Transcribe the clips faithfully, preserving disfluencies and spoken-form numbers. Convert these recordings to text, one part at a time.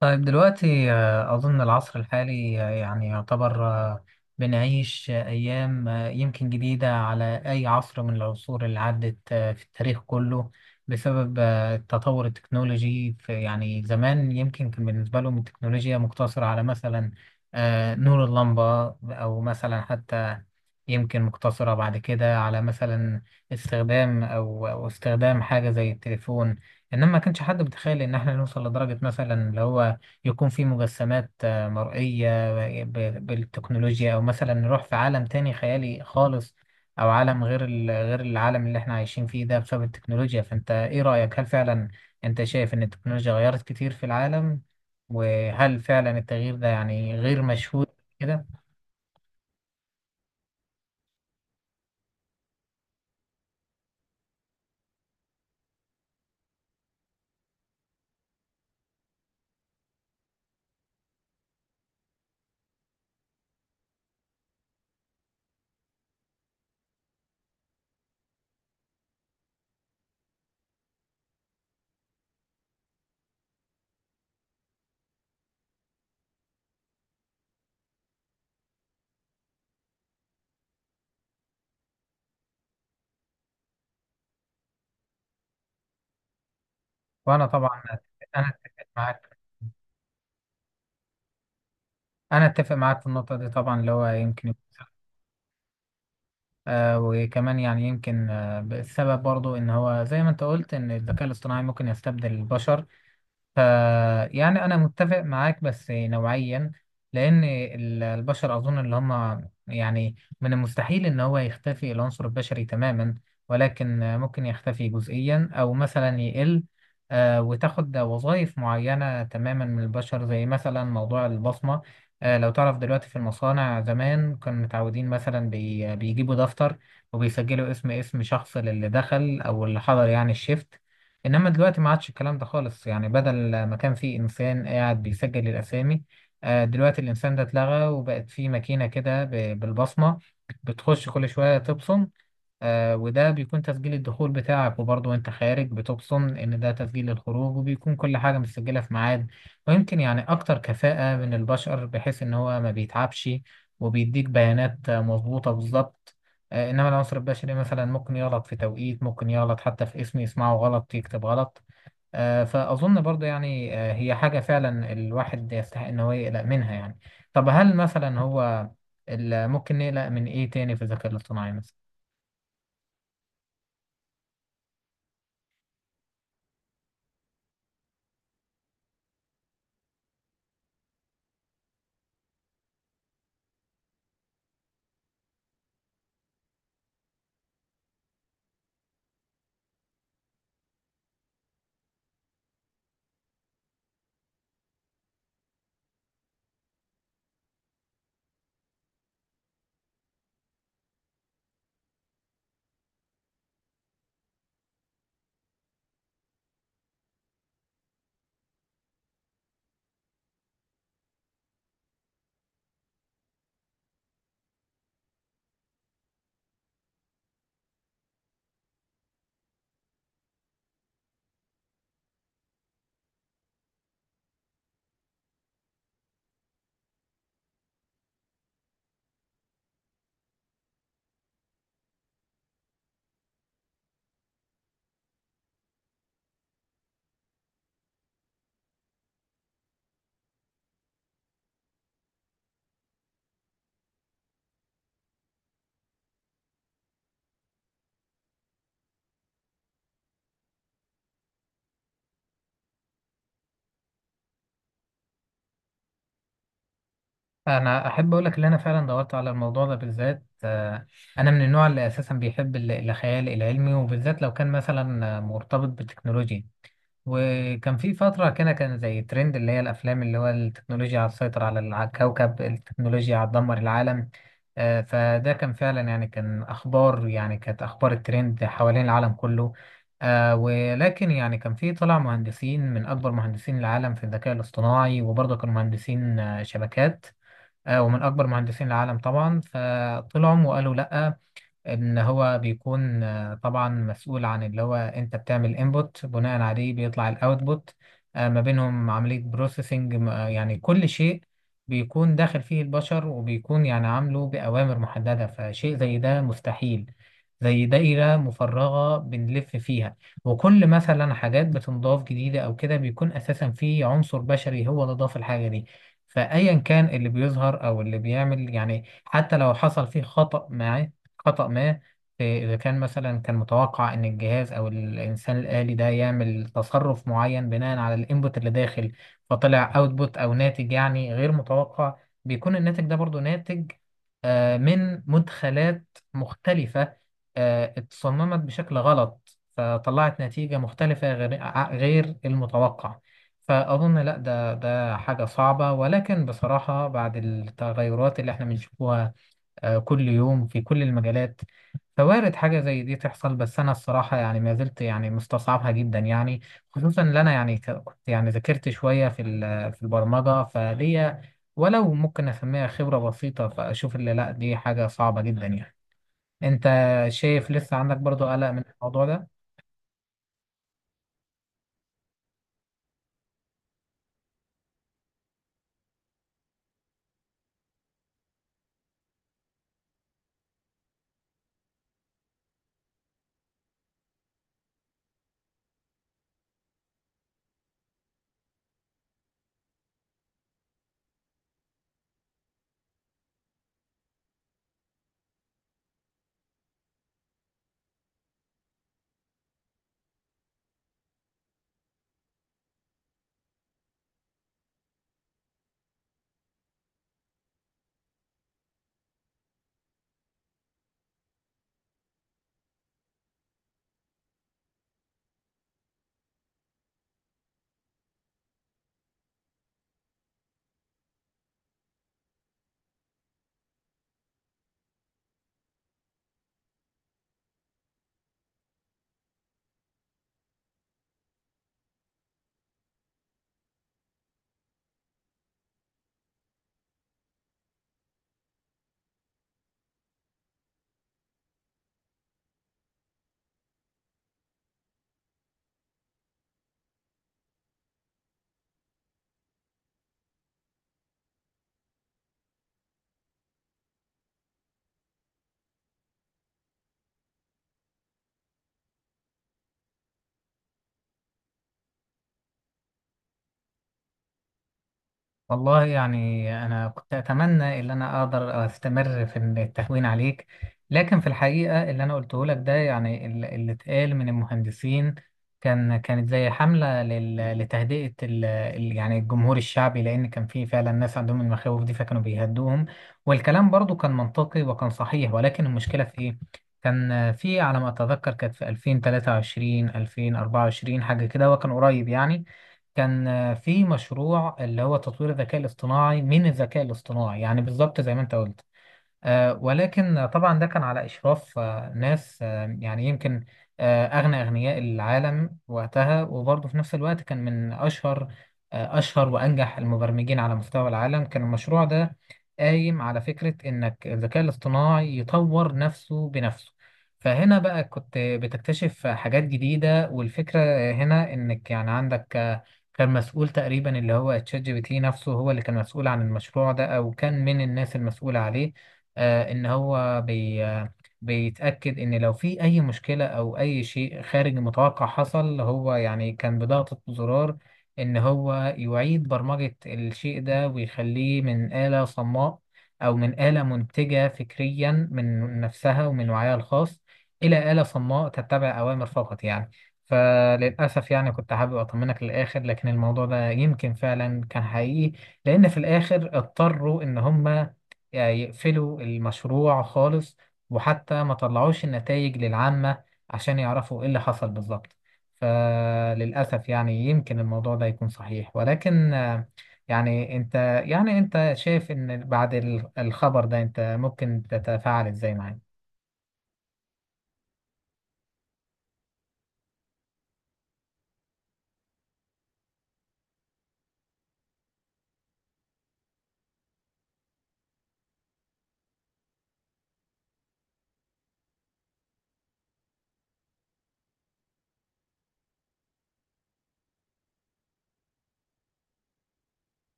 طيب دلوقتي آه، أظن العصر الحالي آه، يعني يعتبر آه، بنعيش آه، أيام آه، يمكن جديدة على أي عصر من العصور اللي عدت آه، في التاريخ كله بسبب آه، التطور التكنولوجي. في يعني زمان يمكن كان بالنسبة لهم التكنولوجيا مقتصرة على مثلا آه، نور اللمبة أو مثلا حتى يمكن مقتصرة بعد كده على مثلا استخدام أو أو استخدام حاجة زي التليفون. إنما ما كانش حد متخيل إن إحنا نوصل لدرجة مثلا اللي هو يكون في مجسمات آه، مرئية ب- بالتكنولوجيا، أو مثلا نروح في عالم تاني خيالي خالص، أو عالم غير ال- غير العالم اللي احنا عايشين فيه ده، بسبب التكنولوجيا. فأنت إيه رأيك؟ هل فعلا أنت شايف إن التكنولوجيا غيرت كتير في العالم؟ وهل فعلا التغيير ده يعني غير مشهود كده؟ وأنا طبعا أنا أتفق معاك أنا أتفق معاك في النقطة دي طبعا، اللي هو يمكن يكون- آه وكمان يعني يمكن آه السبب برضو إن هو زي ما أنت قلت، إن الذكاء الاصطناعي ممكن يستبدل البشر. ف يعني انا متفق معاك بس نوعيا، لان ال- البشر اظن اللي هم يعني من المستحيل ان هو يختفي العنصر البشري تماما، ولكن ممكن يختفي جزئيا او مثلا يقل. آه، وتاخد وظائف معينة تماما من البشر، زي مثلا موضوع البصمة. آه، لو تعرف دلوقتي في المصانع، زمان كانوا متعودين مثلا بي- بيجيبوا دفتر وبيسجلوا اسم اسم شخص للي دخل او اللي حضر يعني الشيفت. انما دلوقتي ما عادش الكلام ده خالص، يعني بدل ما كان في انسان قاعد بيسجل الاسامي، آه، دلوقتي الانسان ده اتلغى وبقت في ماكينه كده ب- بالبصمه، بتخش كل شويه تبصم. آه وده بيكون تسجيل الدخول بتاعك، وبرضه وانت خارج بتبصم ان ده تسجيل الخروج، وبيكون كل حاجة متسجلة في ميعاد. ويمكن يعني اكتر كفاءة من البشر، بحيث ان هو ما بيتعبش، وبيديك بيانات آه، مظبوطة بالظبط. آه انما العنصر البشري مثلا ممكن يغلط في توقيت، ممكن يغلط حتى في اسم، يسمعه غلط يكتب غلط. آه فأظن برضه يعني آه هي حاجة فعلا الواحد يستحق ان هو يقلق منها يعني. طب هل مثلا هو ال- ممكن نقلق من ايه تاني في الذكاء الاصطناعي مثلا؟ انا احب اقول لك ان انا فعلا دورت على الموضوع ده بالذات. آه، انا من النوع اللي اساسا بيحب ال- الخيال العلمي، وبالذات لو كان مثلا آه، مرتبط بالتكنولوجيا. وكان في فتره كده كان زي ترند، اللي هي الافلام اللي هو التكنولوجيا هتسيطر على ال- على الكوكب، التكنولوجيا هتدمر العالم. آه، فده كان فعلا يعني كان اخبار، يعني كانت اخبار الترند حوالين العالم كله. آه ولكن يعني كان في، طلع مهندسين من اكبر مهندسين العالم في الذكاء الاصطناعي، وبرضه كانوا مهندسين آه، شبكات، آه، ومن أكبر مهندسين العالم طبعا، فطلعوا وقالوا لأ. ان هو بيكون آه، طبعا مسؤول عن اللي هو انت بتعمل انبوت، بناء عليه بيطلع الاوتبوت، ما بينهم عملية بروسيسنج. يعني كل شيء بيكون داخل فيه البشر، وبيكون يعني عامله بأوامر محددة، فشيء زي ده مستحيل. زي دائرة مفرغة بنلف فيها، وكل مثلا حاجات بتنضاف جديدة أو كده بيكون أساسا فيه عنصر بشري هو اللي ضاف الحاجة دي. فأيا كان اللي بيظهر أو اللي بيعمل يعني، حتى لو حصل فيه خطأ معاه، خطأ ما، إيه، إذا كان مثلا كان متوقع إن الجهاز أو الإنسان الآلي ده يعمل تصرف معين بناء على الإنبوت اللي داخل، فطلع أوتبوت أو ناتج يعني غير متوقع، بيكون الناتج ده برضو ناتج آه، من مدخلات مختلفة، آه، اتصممت بشكل غلط فطلعت نتيجة مختلفة غير ع- غير المتوقع. فأظن لا، ده ده حاجة صعبة، ولكن بصراحة بعد التغيرات اللي احنا بنشوفها آه، كل يوم في كل المجالات، فوارد حاجة زي دي تحصل، بس أنا الصراحة يعني ما زلت يعني مستصعبها جدا يعني. خصوصا إن أنا يعني ك- كنت يعني ذاكرت شوية في ال- في البرمجة، فليا ولو ممكن أسميها خبرة بسيطة، فأشوف اللي لأ دي حاجة صعبة جدا يعني. أنت شايف لسه عندك برضو قلق من الموضوع ده؟ والله يعني أنا كنت أتمنى إن أنا أقدر أستمر في التهوين عليك، لكن في الحقيقة اللي أنا قلته لك ده يعني ال- اللي اتقال من المهندسين، كان كانت زي حملة لل- لتهدئة ال- ال- يعني الجمهور الشعبي، لأن كان في فعلا ناس عندهم المخاوف دي فكانوا بيهدوهم. والكلام برضو كان منطقي وكان صحيح، ولكن المشكلة في إيه؟ كان في على ما أتذكر كانت في ألفين وثلاثة وعشرين ألفين وأربعة وعشرين، حاجة كده وكان قريب يعني. كان آه، في مشروع، اللي هو تطوير الذكاء الاصطناعي من الذكاء الاصطناعي، يعني بالظبط زي ما انت قلت. آه، ولكن طبعا ده كان على إشراف آه، ناس آه، يعني يمكن آه، أغنى أغنياء العالم وقتها، وبرضه في نفس الوقت كان من أشهر آه، أشهر وأنجح المبرمجين على مستوى العالم. كان المشروع ده قايم على فكرة إنك الذكاء الاصطناعي يطور نفسه بنفسه، فهنا بقى كنت بتكتشف حاجات جديدة. والفكرة هنا إنك يعني عندك آه، كان مسؤول تقريبا اللي هو تشات جي بي تي نفسه، هو اللي كان مسؤول عن المشروع ده أو كان من الناس المسؤولة عليه. آه، ان هو بي آه، بيتأكد ان لو في اي مشكلة او اي شيء خارج المتوقع حصل، هو يعني كان بضغطة زرار ان هو يعيد برمجة الشيء ده، ويخليه من آلة صماء، او من آلة منتجة فكريا من نفسها ومن وعيها الخاص، الى آلة صماء تتبع اوامر فقط يعني. فللأسف يعني كنت حابب أطمنك للآخر، لكن الموضوع ده يمكن فعلا كان حقيقي، لأن في الآخر اضطروا إن هم يعني يقفلوا المشروع خالص، وحتى ما طلعوش النتائج للعامة عشان يعرفوا ايه اللي حصل بالظبط. فللأسف يعني يمكن الموضوع ده يكون صحيح، ولكن آه، يعني انت يعني انت شايف ان بعد ال- الخبر ده انت ممكن تتفاعل ازاي معاه؟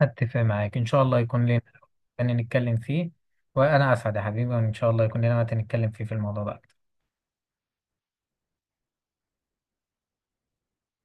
اتفق معاك، ان شاء الله يكون لنا تاني نتكلم فيه. وانا اسعد يا حبيبي، وان شاء الله يكون لنا وقت نتكلم فيه في الموضوع ده.